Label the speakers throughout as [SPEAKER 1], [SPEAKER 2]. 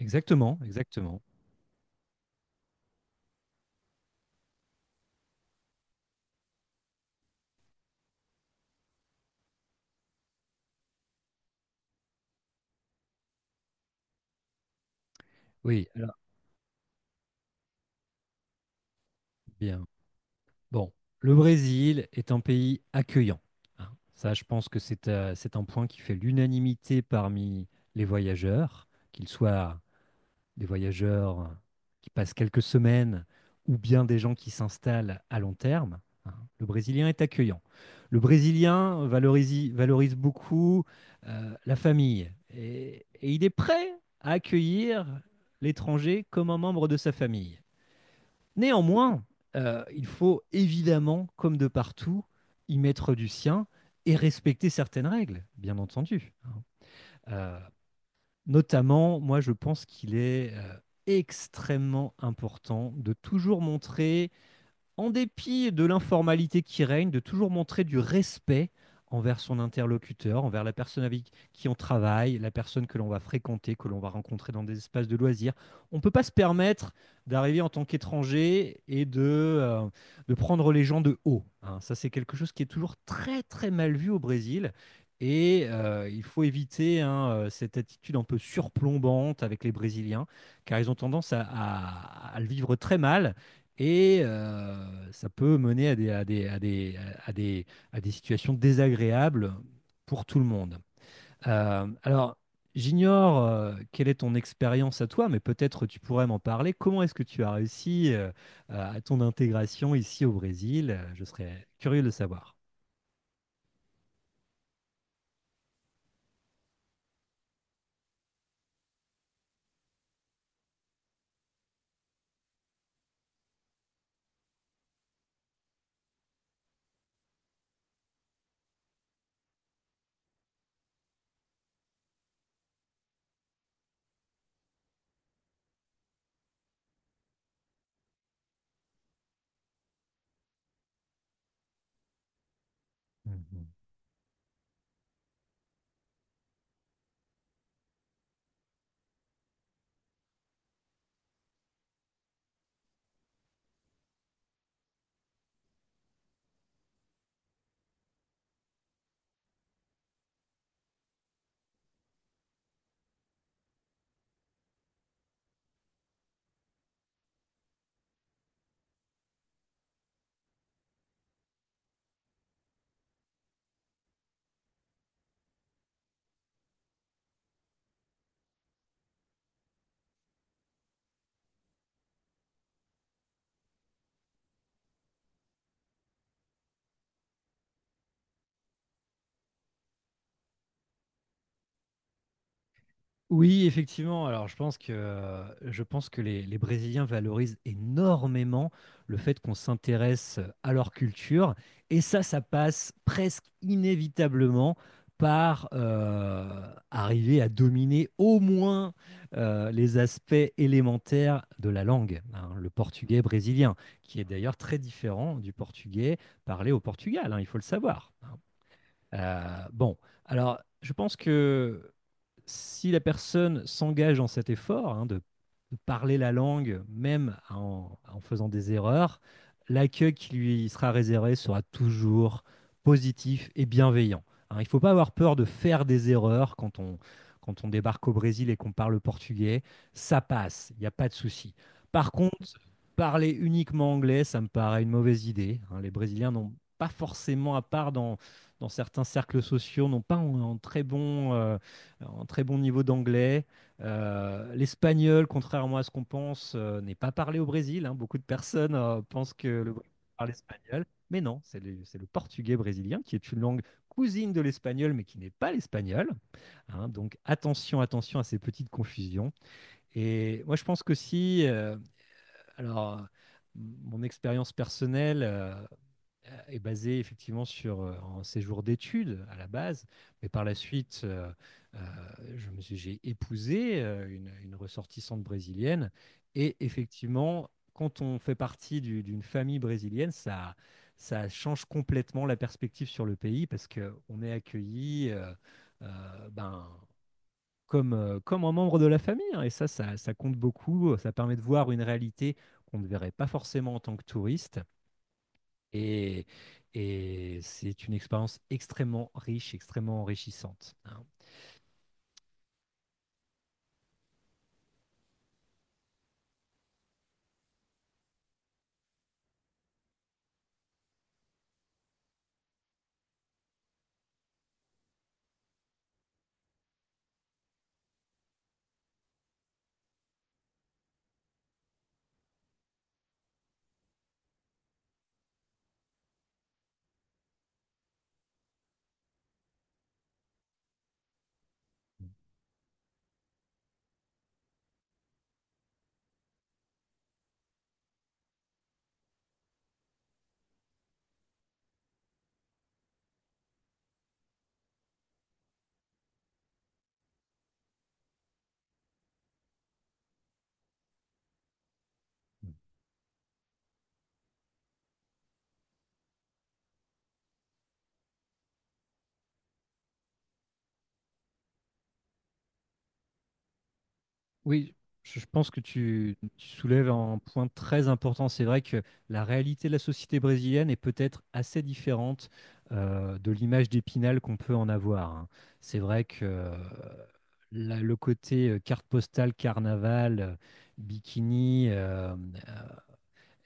[SPEAKER 1] Exactement, exactement. Oui, alors bien. Bon, le Brésil est un pays accueillant, hein. Ça, je pense que c'est un point qui fait l'unanimité parmi les voyageurs, qu'ils soient des voyageurs qui passent quelques semaines ou bien des gens qui s'installent à long terme, hein. Le Brésilien est accueillant. Le Brésilien valorise beaucoup la famille, et il est prêt à accueillir l'étranger comme un membre de sa famille. Néanmoins, il faut évidemment, comme de partout, y mettre du sien et respecter certaines règles, bien entendu. Euh, notamment, moi, je pense qu'il est extrêmement important de toujours montrer, en dépit de l'informalité qui règne, de toujours montrer du respect envers son interlocuteur, envers la personne avec qui on travaille, la personne que l'on va fréquenter, que l'on va rencontrer dans des espaces de loisirs. On ne peut pas se permettre d'arriver en tant qu'étranger et de prendre les gens de haut, hein. Ça, c'est quelque chose qui est toujours très, très mal vu au Brésil. Et il faut éviter, hein, cette attitude un peu surplombante avec les Brésiliens, car ils ont tendance à le vivre très mal, et ça peut mener à des, à des situations désagréables pour tout le monde. Alors, j'ignore quelle est ton expérience à toi, mais peut-être tu pourrais m'en parler. Comment est-ce que tu as réussi à ton intégration ici au Brésil? Je serais curieux de le savoir. Mhm. Oui, effectivement. Alors, je pense que les Brésiliens valorisent énormément le fait qu'on s'intéresse à leur culture. Et ça passe presque inévitablement par arriver à dominer au moins les aspects élémentaires de la langue, hein, le portugais brésilien, qui est d'ailleurs très différent du portugais parlé au Portugal, hein, il faut le savoir, hein. Bon, alors, je pense que si la personne s'engage dans cet effort, hein, de parler la langue, même en faisant des erreurs, l'accueil qui lui sera réservé sera toujours positif et bienveillant, hein. Il ne faut pas avoir peur de faire des erreurs quand on débarque au Brésil et qu'on parle portugais. Ça passe, il n'y a pas de souci. Par contre, parler uniquement anglais, ça me paraît une mauvaise idée, hein. Les Brésiliens n'ont pas forcément, à part dans certains cercles sociaux, n'ont pas un très bon, en très bon niveau d'anglais. L'espagnol, contrairement à ce qu'on pense, n'est pas parlé au Brésil, hein. Beaucoup de personnes pensent que le Brésil parle espagnol, mais non, c'est c'est le portugais brésilien, qui est une langue cousine de l'espagnol, mais qui n'est pas l'espagnol, hein. Donc attention, attention à ces petites confusions. Et moi, je pense que si, alors, mon expérience personnelle, est basé effectivement sur un séjour d'études à la base, mais par la suite, euh, j'ai épousé une ressortissante brésilienne. Et effectivement, quand on fait partie d'une famille brésilienne, ça change complètement la perspective sur le pays, parce qu'on est accueilli ben, comme, comme un membre de la famille, hein. Et ça compte beaucoup. Ça permet de voir une réalité qu'on ne verrait pas forcément en tant que touriste. Et, et c'est une expérience extrêmement riche, extrêmement enrichissante, hein. Oui, je pense que tu soulèves un point très important. C'est vrai que la réalité de la société brésilienne est peut-être assez différente, de l'image d'Épinal qu'on peut en avoir, hein. C'est vrai que le côté carte postale, carnaval, bikini,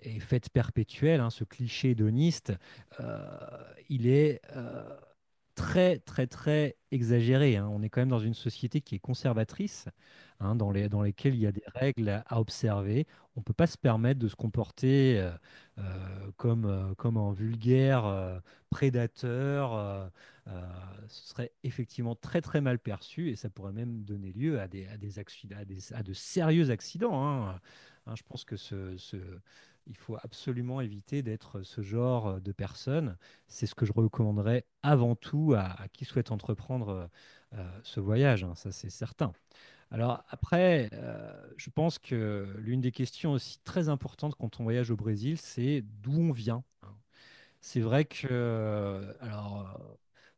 [SPEAKER 1] et fête perpétuelle, hein, ce cliché hédoniste, euh, il est, très, très, très exagéré, hein. On est quand même dans une société qui est conservatrice, hein, dans dans lesquelles il y a des règles à observer. On ne peut pas se permettre de se comporter comme, comme un vulgaire prédateur. Euh, Ce serait effectivement très, très mal perçu, et ça pourrait même donner lieu à des accidents, à de sérieux accidents, hein. Hein, je pense que il faut absolument éviter d'être ce genre de personne. C'est ce que je recommanderais avant tout à qui souhaite entreprendre ce voyage, hein, ça c'est certain. Alors après, je pense que l'une des questions aussi très importantes quand on voyage au Brésil, c'est d'où on vient. C'est vrai que, alors,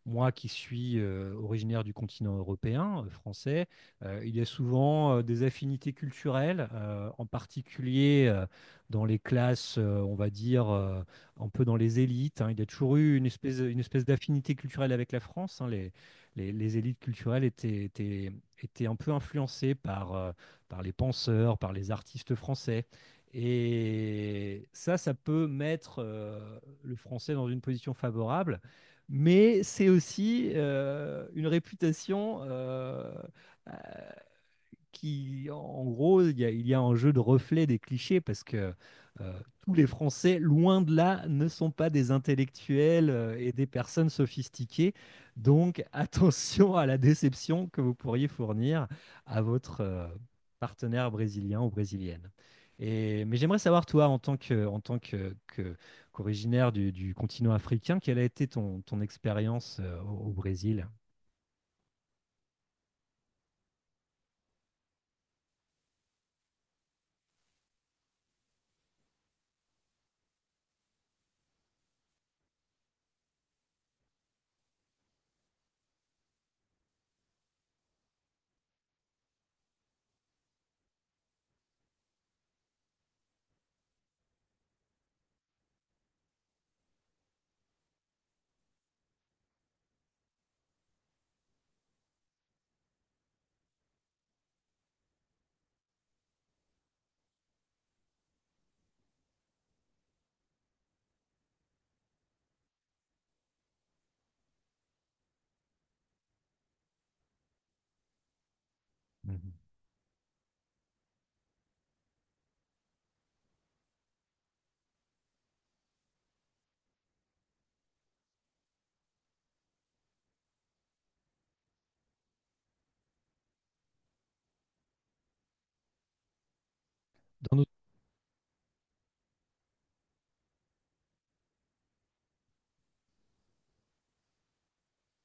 [SPEAKER 1] moi qui suis originaire du continent européen, français, il y a souvent des affinités culturelles, en particulier dans les classes, on va dire, un peu dans les élites, hein. Il y a toujours eu une espèce d'affinité culturelle avec la France, hein. Les élites culturelles étaient, étaient, étaient un peu influencées par, par les penseurs, par les artistes français. Et ça peut mettre le français dans une position favorable, mais c'est aussi une réputation qui, en gros, il y a un jeu de reflet des clichés, parce que euh, tous les Français, loin de là, ne sont pas des intellectuels, et des personnes sophistiquées. Donc, attention à la déception que vous pourriez fournir à votre partenaire brésilien ou brésilienne. Et, mais j'aimerais savoir, toi, en tant que, qu'originaire du continent africain, quelle a été ton, ton expérience au Brésil? Mhm.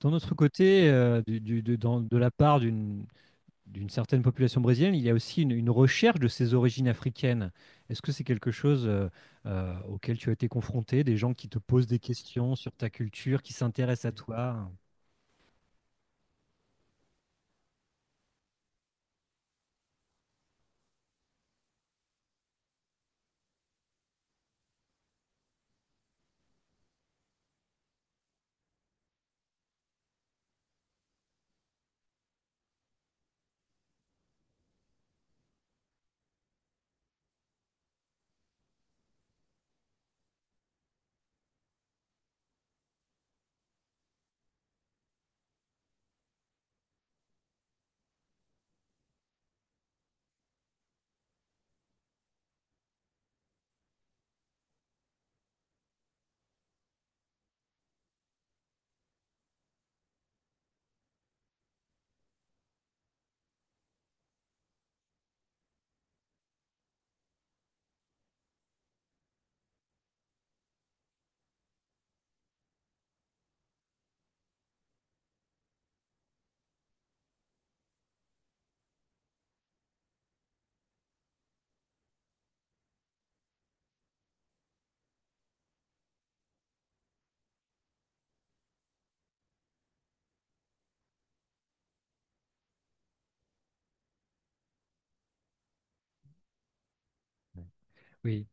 [SPEAKER 1] D'un autre côté, de la part d'une certaine population brésilienne, il y a aussi une recherche de ses origines africaines. Est-ce que c'est quelque chose auquel tu as été confronté, des gens qui te posent des questions sur ta culture, qui s'intéressent à toi? Oui,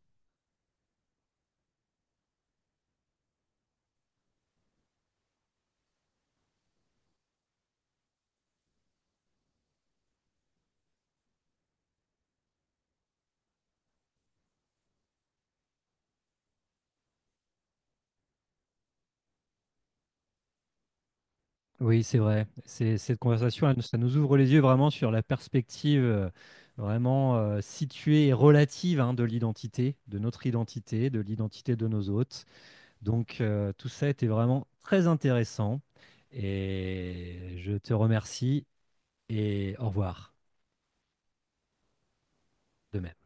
[SPEAKER 1] oui, c'est vrai. C'est, cette conversation, ça nous ouvre les yeux vraiment sur la perspective, vraiment située et relative, hein, de l'identité, de notre identité, de l'identité de nos hôtes. Donc, tout ça était vraiment très intéressant, et je te remercie et au revoir de même.